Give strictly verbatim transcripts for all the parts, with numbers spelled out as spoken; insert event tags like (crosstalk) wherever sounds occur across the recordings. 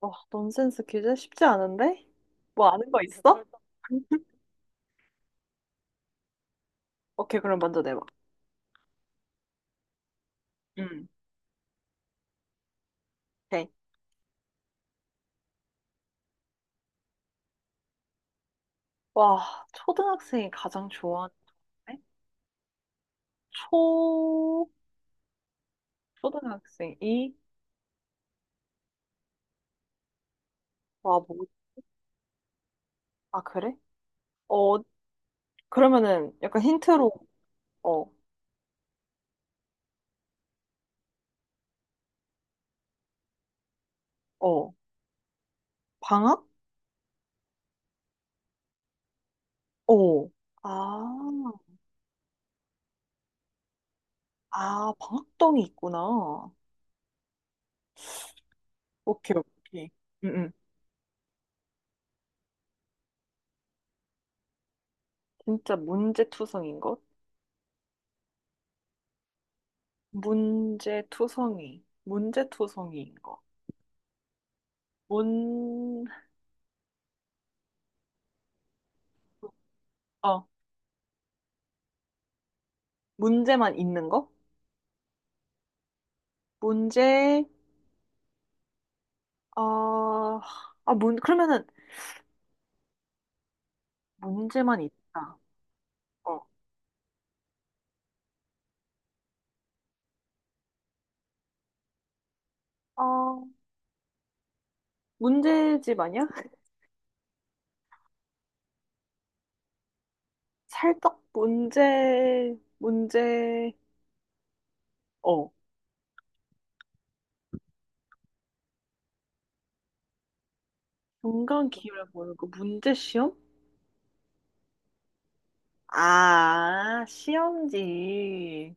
와, 넌센스 퀴즈 쉽지 않은데? 뭐 아는 거 있어? (laughs) 오케이, 그럼 먼저 내봐. 응. 오케이. 와, 초등학생이 가장 좋아하는 노래? 초, 초등학생이, 와, 뭐, 아, 그래? 어, 그러면은 약간 힌트로, 어, 어, 방학? 어, 아, 아, 방학동이 있구나. 오케이, 오케이. 응, 응. 진짜 문제투성인 것? 문제투성이, 문제투성이인 것. 문, 어, 문제만 있는 거? 문제, 어, 아, 문, 그러면은 문제만 있다. 어, 어, 문제집 아니야? 살떡 문제, 문제, 어, 중간 기회를 보는 거, 문제 시험? 아, 시험지.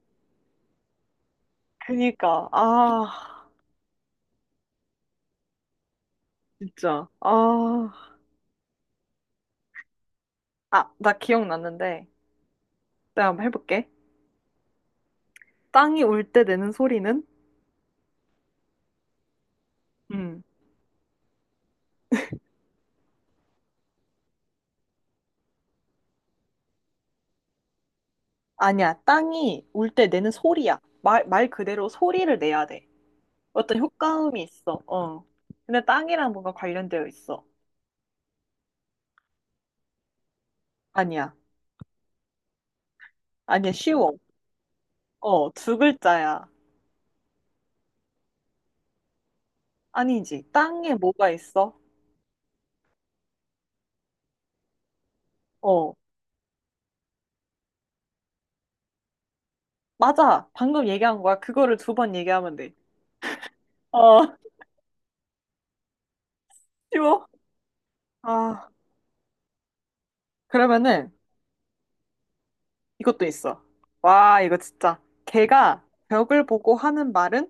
그니까, 아, 진짜, 아, 아, 나 기억났는데, 내가 한번 해볼게. 땅이 울 때 내는 소리는? 음. 아니야. 땅이 울 때 내는 소리야. 말, 말 그대로 소리를 내야 돼. 어떤 효과음이 있어. 어. 근데 땅이랑 뭔가 관련되어 있어. 아니야. 아니야. 쉬워. 어, 두 글자야. 아니지. 땅에 뭐가 있어? 어. 맞아. 방금 얘기한 거야. 그거를 두 번 얘기하면 돼. 어, (laughs) 쉬워. 아, 그러면은 이것도 있어. 와, 이거 진짜. 개가 벽을 보고 하는 말은?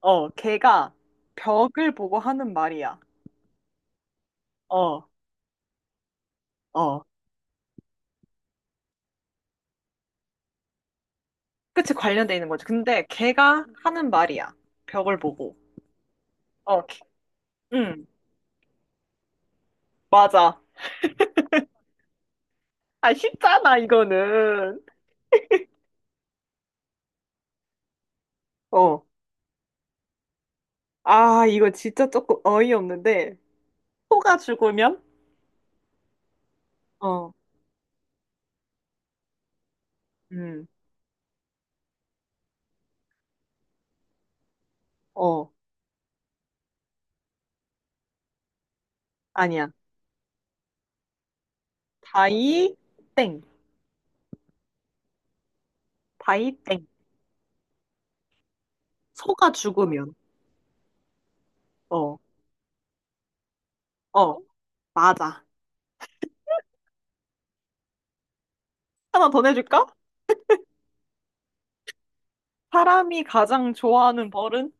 어, 개가 벽을 보고 하는 말이야. 어, 어. 그치, 관련돼 있는 거지. 근데 걔가 하는 말이야. 벽을 보고. 어, 이 응, 맞아. 아, 쉽잖아, 이거는. 어. 아, 이거 진짜 조금 어이없는데. 소가 죽으면? 어, 음, 어. 아니야. 다이, 땡. 다이 땡. 소가 죽으면. 어. 어. 맞아. 하나 더 내줄까? 사람이 가장 좋아하는 벌은?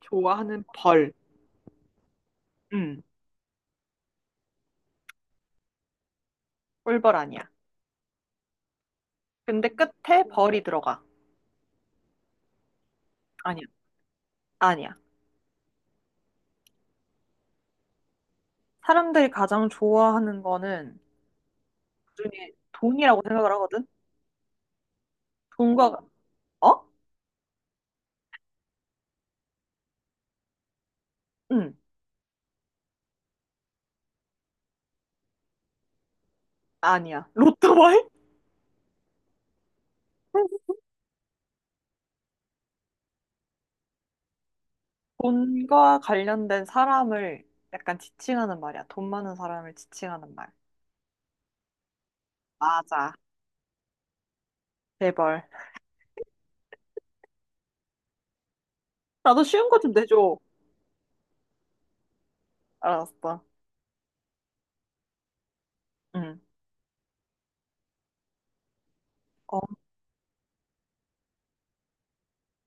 좋아하는, 벌. 음. 꿀벌 아니야. 근데 끝에 벌이 들어가. 아니야. 아니야. 사람들이 가장 좋아하는 거는 그중에 돈이라고 생각을 하거든? 돈과, 어? 응, 아니야. 로또 말? (laughs) 돈과 관련된 사람을 약간 지칭하는 말이야. 돈 많은 사람을 지칭하는 말. 맞아. 제벌 나도 쉬운 거 좀 내줘. 알았어. 응. 어,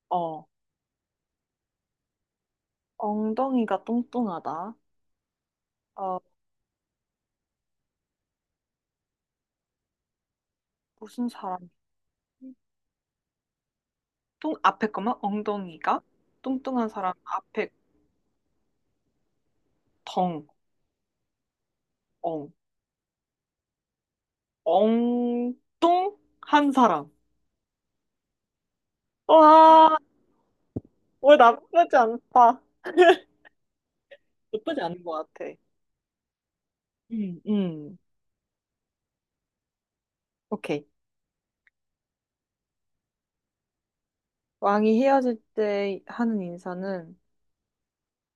어. 엉덩이가 뚱뚱하다. 어, 무슨 사람? 뚱, 앞에 거만 엉덩이가? 뚱뚱한 사람 앞에 덩, 엉. 엉뚱한 사람. 와, 왜 나쁘지 않다. 나쁘지 않은 것 같아. 음, 음. 오케이. 왕이 헤어질 때 하는 인사는,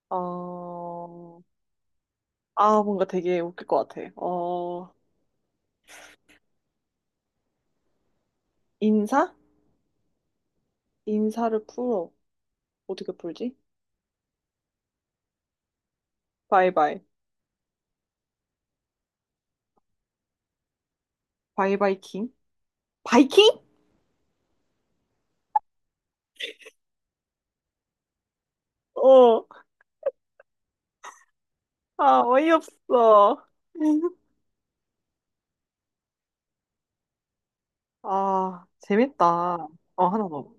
어, 아, 뭔가 되게 웃길 것 같아. 어, 인사? 인사를 풀어. 어떻게 풀지? 바이바이. 바이바이 킹? 바이킹? 어, 아, 어이없어. (laughs) 아, 재밌다. 어, 하나 더.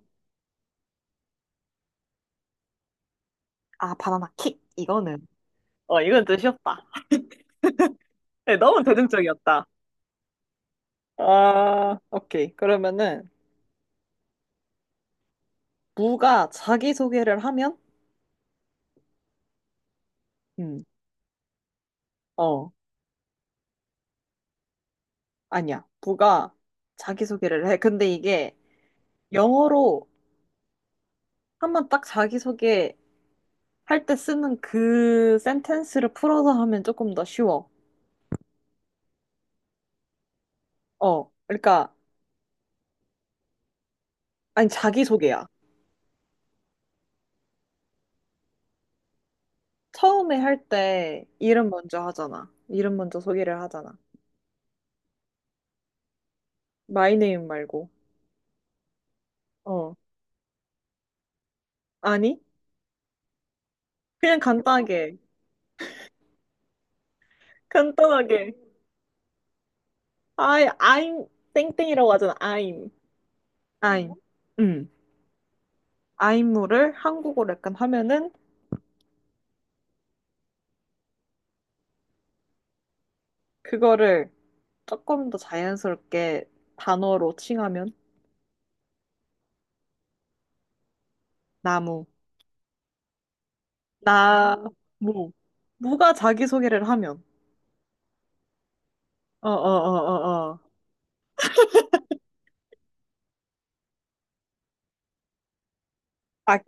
아, 바나나 킥. 이거는. 어, 이건 좀 쉬웠다. 네, 너무 대중적이었다. 아, 오케이. 그러면은 무가 자기소개를 하면 음. 어, 아니야. 무가 자기소개를 해. 근데 이게 영어로 한번 딱 자기소개 할 때 쓰는 그 센텐스를 풀어서 하면 조금 더 쉬워. 어. 그러니까 아니 자기소개야. 처음에 할 때 이름 먼저 하잖아. 이름 먼저 소개를 하잖아. 마이네임 말고. 어. 아니? 그냥 간단하게. 간단하게. I, I'm 땡땡이라고 하잖아. I'm. 아임, 음, 아임무를 한국어로 약간 하면은 그거를 조금 더 자연스럽게 단어로 칭하면 나무, 나무, 무가 자기소개를 하면 어 어 어 어어 아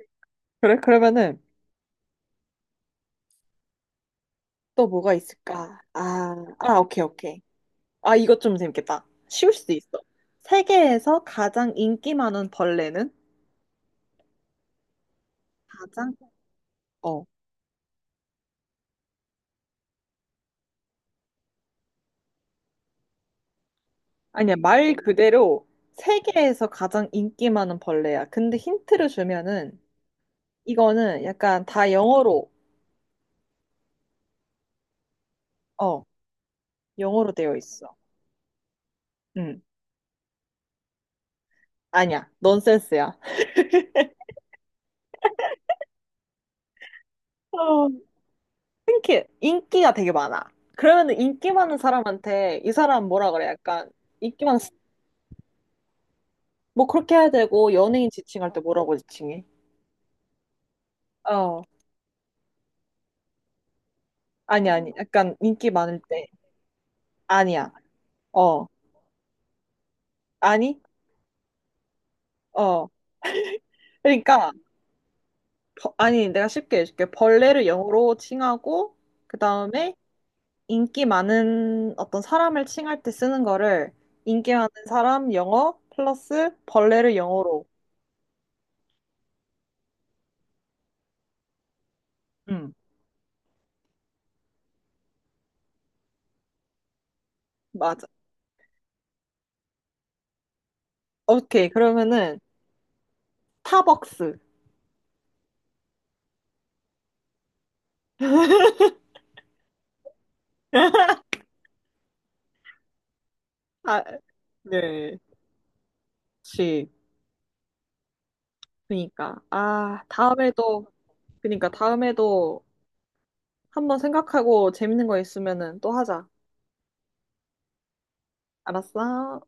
그래? 그러면은 또 뭐가 있을까? 아, 아 오케이 오케이 아 이것 좀 재밌겠다 쉬울 수도 있어 세계에서 가장 인기 많은 벌레는 가장 어 아니야, 말 그대로 세계에서 가장 인기 많은 벌레야. 근데 힌트를 주면은 이거는 약간 다 영어로, 어, 영어로 되어 있어. 응. 아니야, 넌센스야. 어, 힌 (laughs) 인기가 되게 많아. 그러면 인기 많은 사람한테 이 사람 뭐라 그래? 약간 인기 많은, 스- 뭐 그렇게 해야 되고 연예인 지칭할 때 뭐라고 지칭해? 어, 아니, 아니. 약간 인기 많을 때. 아니야. 어, 아니? 어. 그러니까 버- 아니, 내가 쉽게 해줄게. 벌레를 영어로 칭하고, 그 다음에 인기 많은 어떤 사람을 칭할 때 쓰는 거를 인기 많은 사람 영어 플러스 벌레를 영어로. 응, 맞아. 오케이. 그러면은 타벅스. 아, 네. 그치. 그니까. 아, 다음에도, 그니까 다음에도 한번 생각하고 재밌는 거 있으면은 또 하자. 알았어?